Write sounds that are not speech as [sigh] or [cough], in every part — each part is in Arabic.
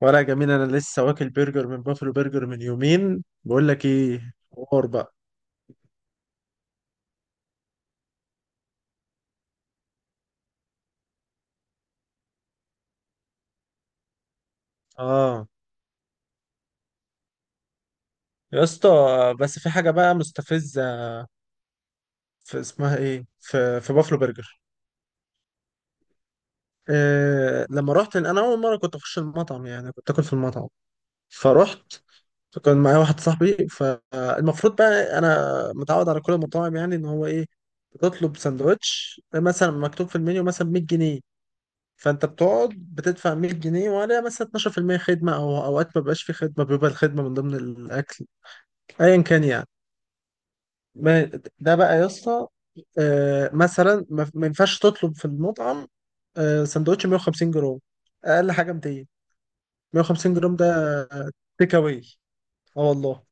ولا جميل، انا لسه واكل برجر من بافلو برجر من يومين، بقول لك ايه حوار بقى. اه يا اسطى. بس في حاجه بقى مستفزه، في اسمها ايه في بافلو برجر. لما رحت انا اول مره كنت اخش المطعم، يعني كنت اكل في المطعم. فرحت، كان معايا واحد صاحبي، فالمفروض بقى انا متعود على كل المطاعم، يعني ان هو ايه، بتطلب سندوتش مثلا مكتوب في المنيو مثلا 100 جنيه، فانت بتقعد بتدفع 100 جنيه وعليها مثلا 12% خدمه، او اوقات ما بيبقاش في خدمه، بيبقى الخدمه من ضمن الاكل، ايا كان يعني. ما- ده بقى يا اسطى، مثلا ما ينفعش تطلب في المطعم سندوتش 150 جرام، اقل حاجه 200. 150 جرام ده تيك اواي، اه والله.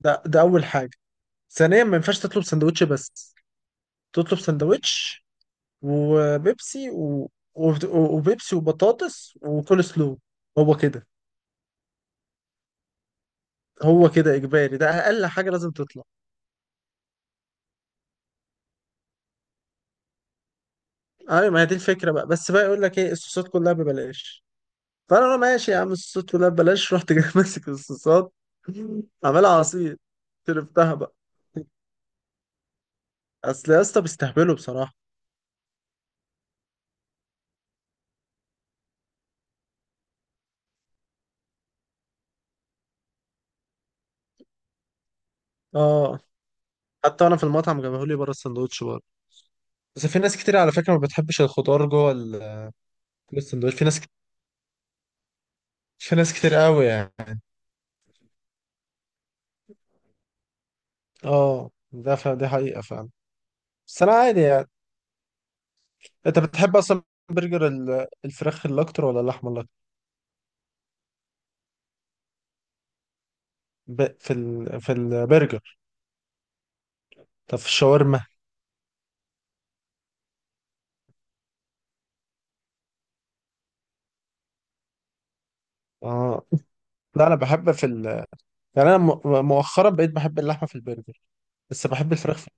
ده اول حاجه. ثانيا، ما ينفعش تطلب سندوتش بس، تطلب سندوتش وبيبسي وبيبسي وبطاطس وكول سلو. هو كده. هو كده اجباري، ده اقل حاجه لازم تطلع. ايوه، ما هي دي الفكره بقى. بس بقى يقول لك ايه، الصوصات كلها ببلاش. فانا أقول له ماشي يا عم، الصوصات كلها ببلاش. رحت جاي [laughs] ماسك الصوصات، عمال عصير، شربتها بقى. اصل يا اسطى بيستهبلوا بصراحه. اه. حتى انا في المطعم جابوه لي بره السندوتش برضه. بس في ناس كتير على فكره ما بتحبش الخضار جوه السندوتش، في ناس كتير، في ناس كتير قوي يعني. اه، دي حقيقه فعلا. بس انا عادي يعني. انت بتحب اصلا برجر الفراخ اللي اكتر ولا اللحمه اللي اكتر؟ في البرجر؟ طب في الشاورما؟ اه. لا انا بحب يعني انا مؤخرا بقيت بحب اللحمه في البرجر، بس بحب الفراخ في...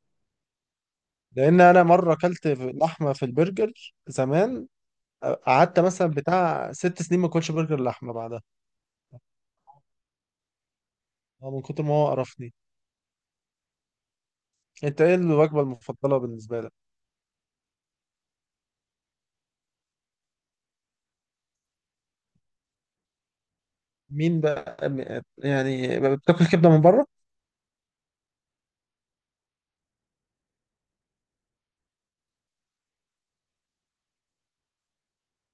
لان انا مره اكلت لحمه في البرجر زمان، قعدت مثلا بتاع ست سنين ما اكلش برجر لحمه بعدها، من كتر ما هو قرفني. انت ايه الوجبه المفضله بالنسبه لك؟ مين بقى يعني بتاكل كبده من بره؟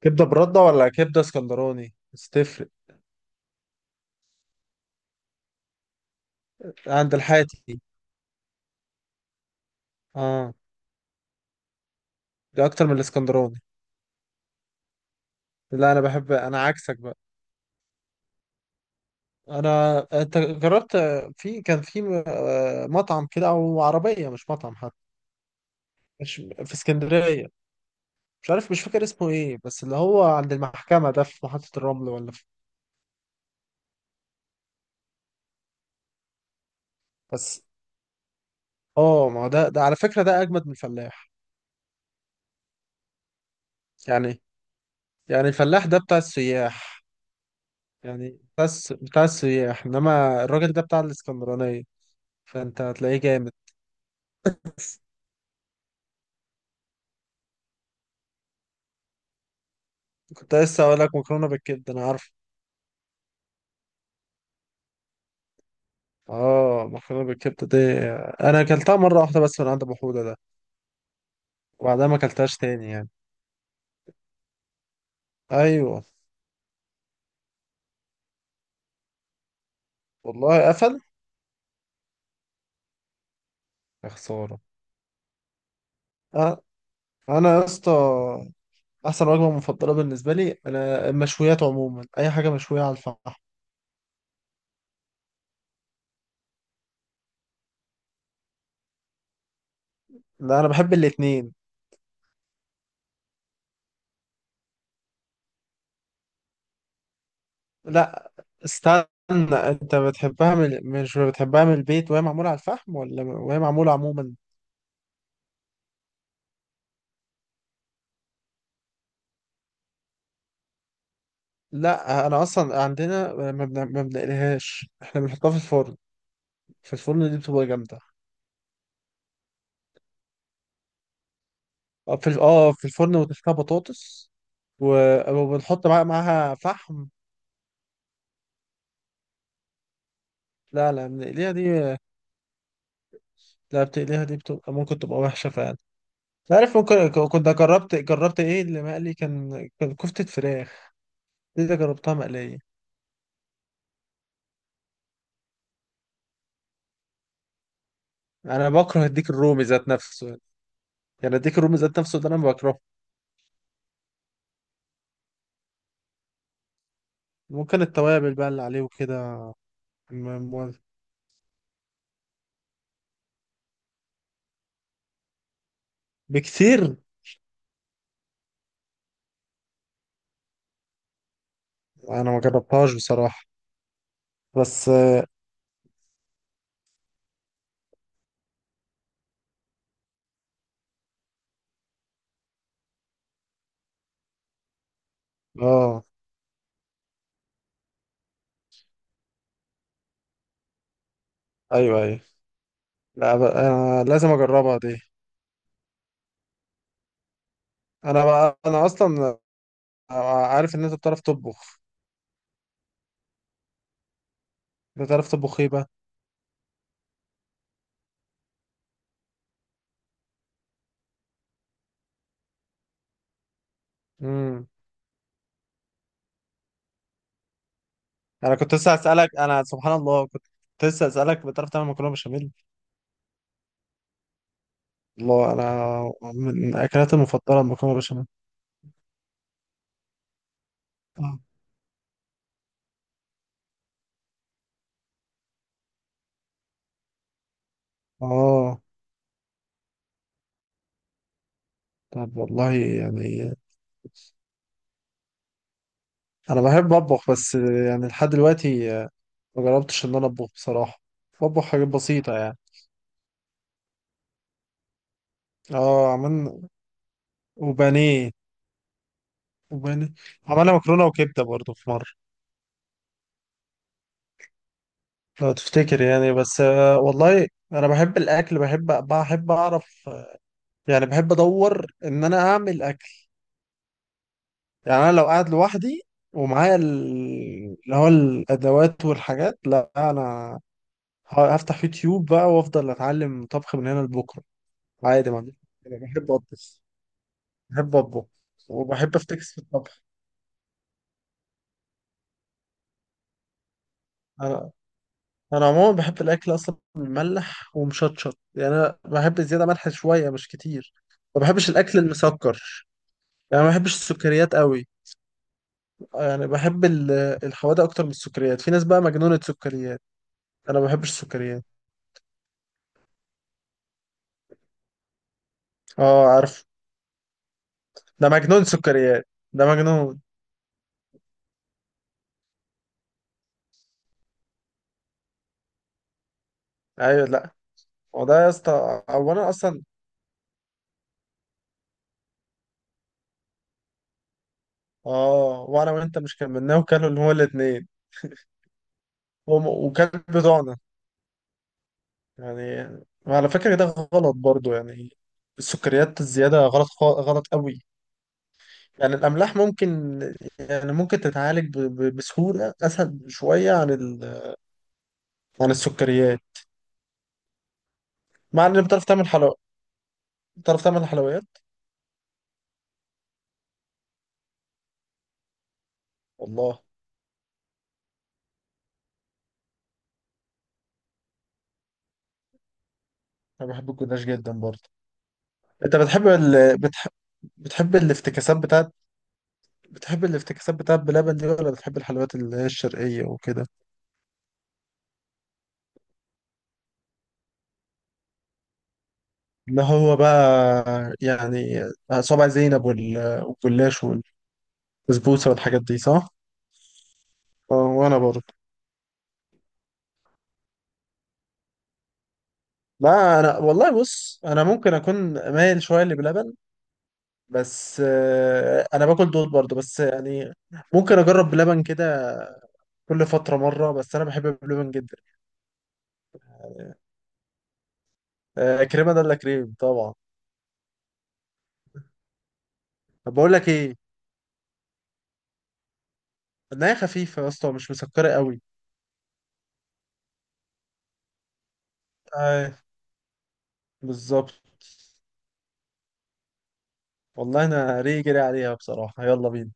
كبده برده ولا كبده اسكندراني، بس تفرق؟ عند الحاتي. اه، ده اكتر من الاسكندراني. لا انا بحب، انا عكسك بقى. انا، انت جربت؟ كان في مطعم كده، او عربيه مش مطعم حتى. مش في اسكندريه، مش عارف، مش فاكر اسمه ايه، بس اللي هو عند المحكمه ده في محطه الرمل، ولا في... بس. اه، ما هو ده على فكره ده اجمد من الفلاح. يعني. يعني الفلاح ده بتاع السياح، يعني بتاع السياح، انما الراجل ده بتاع الاسكندرانيه، فانت هتلاقيه جامد. كنت لسه اقول لك مكرونه بالكبده، انا عارف. اه، مكرونه بالكبده دي انا اكلتها مره واحده بس من عند ابو حوده ده، وبعدها ما اكلتهاش تاني يعني. ايوه. والله قفل. يا خسارة. أ- انا يا اسطى، احسن وجبه مفضله بالنسبه لي انا المشويات عموما، اي حاجه مشويه على الفحم. لا انا بحب الاتنين. لا، استنى. انت بتحبها مش بتحبها من البيت وهي معموله على الفحم، ولا وهي معموله عموما؟ لا انا اصلا عندنا ما بنقليهاش، احنا بنحطها في الفرن. في الفرن دي بتبقى جامده. اه، في الفرن وتحتها بطاطس، وبنحط بقى معاها فحم. لا لا، بنقليها دي. لا، بتقليها دي بتبقى، ممكن تبقى وحشة فعلا. أنت عارف، ممكن، كنت جربت ايه اللي مقلي؟ كان كفتة فراخ، دي اللي جربتها مقلية. انا بكره الديك الرومي ذات نفسه. يعني الديك الرومي ذات نفسه ده انا بكرهه. ممكن التوابل بقى اللي عليه وكده. م- م- بكتير. انا ما جربتهاش بصراحة. بس. اه، ايوه ايوه. لا بقى، انا لازم اجربها دي. انا بقى انا اصلا عارف ان انت بتعرف تطبخ. بتعرف تطبخ ايه بقى؟ انا كنت لسه هسألك، انا سبحان الله كنت لسه هسألك، بتعرف تعمل مكرونه بشاميل؟ الله، انا من اكلاتي المفضله المكرونه بشاميل. اه. آه. طب والله يعني، انا بحب اطبخ، بس يعني لحد دلوقتي ما جربتش ان انا اطبخ بصراحه، بطبخ حاجات بسيطه يعني. اه، عملنا وبانيه وبانيه عملنا مكرونه وكبده برضو في مره، لو تفتكر يعني. بس، والله انا بحب الاكل، بحب اعرف، يعني بحب ادور ان انا اعمل اكل. يعني انا لو قاعد لوحدي ومعايا اللي هو الادوات والحاجات، لا انا هفتح يوتيوب بقى وافضل اتعلم طبخ من هنا لبكره، عادي ما عنديش مشكلة. بحب اطبخ. بحب اطبخ. وبحب افتكس في الطبخ. انا انا عموما بحب الاكل اصلا مملح ومشطشط، يعني انا بحب زياده ملح شويه مش كتير. ما بحبش الاكل المسكر، يعني ما بحبش السكريات قوي. يعني بحب الحوادق اكتر من السكريات. في ناس بقى مجنونه سكريات، انا ما بحبش السكريات. اه، عارف. ده مجنون سكريات، ده مجنون. ايوه. لا هو ده يا اسطى، اولا اصلا. اه، وانا وانت مش كملناه، وكلوا اللي هو الاثنين. وكان بتوعنا يعني. وعلى فكره ده غلط برضو يعني. السكريات الزياده غلط، غلط قوي. يعني الاملاح ممكن، يعني ممكن تتعالج بسهوله، اسهل شويه عن عن السكريات. مع ان بتعرف تعمل حلويات؟ بتعرف تعمل حلويات. والله انا بحب الجلاش جدا برضو. انت بتحب الافتكاسات بتاعت، بلبن دي ولا بتحب الحلويات اللي هي الشرقية وكده؟ اللي هو بقى يعني صابع زينب والجلاش والبسبوسة والحاجات دي، صح؟ اه، وانا برضه. لا انا والله، بص، انا ممكن اكون مايل شويه لبلبن، بس انا باكل دول برضه، بس يعني ممكن اجرب بلبن كده كل فتره مره، بس انا بحب بلبن جدا. كريمه ده الا كريم طبعا. طب بقول لك ايه، النهايه خفيفه يا اسطى، مش مسكره قوي. اي بالظبط. والله انا ريجري عليها بصراحة، يلا بينا.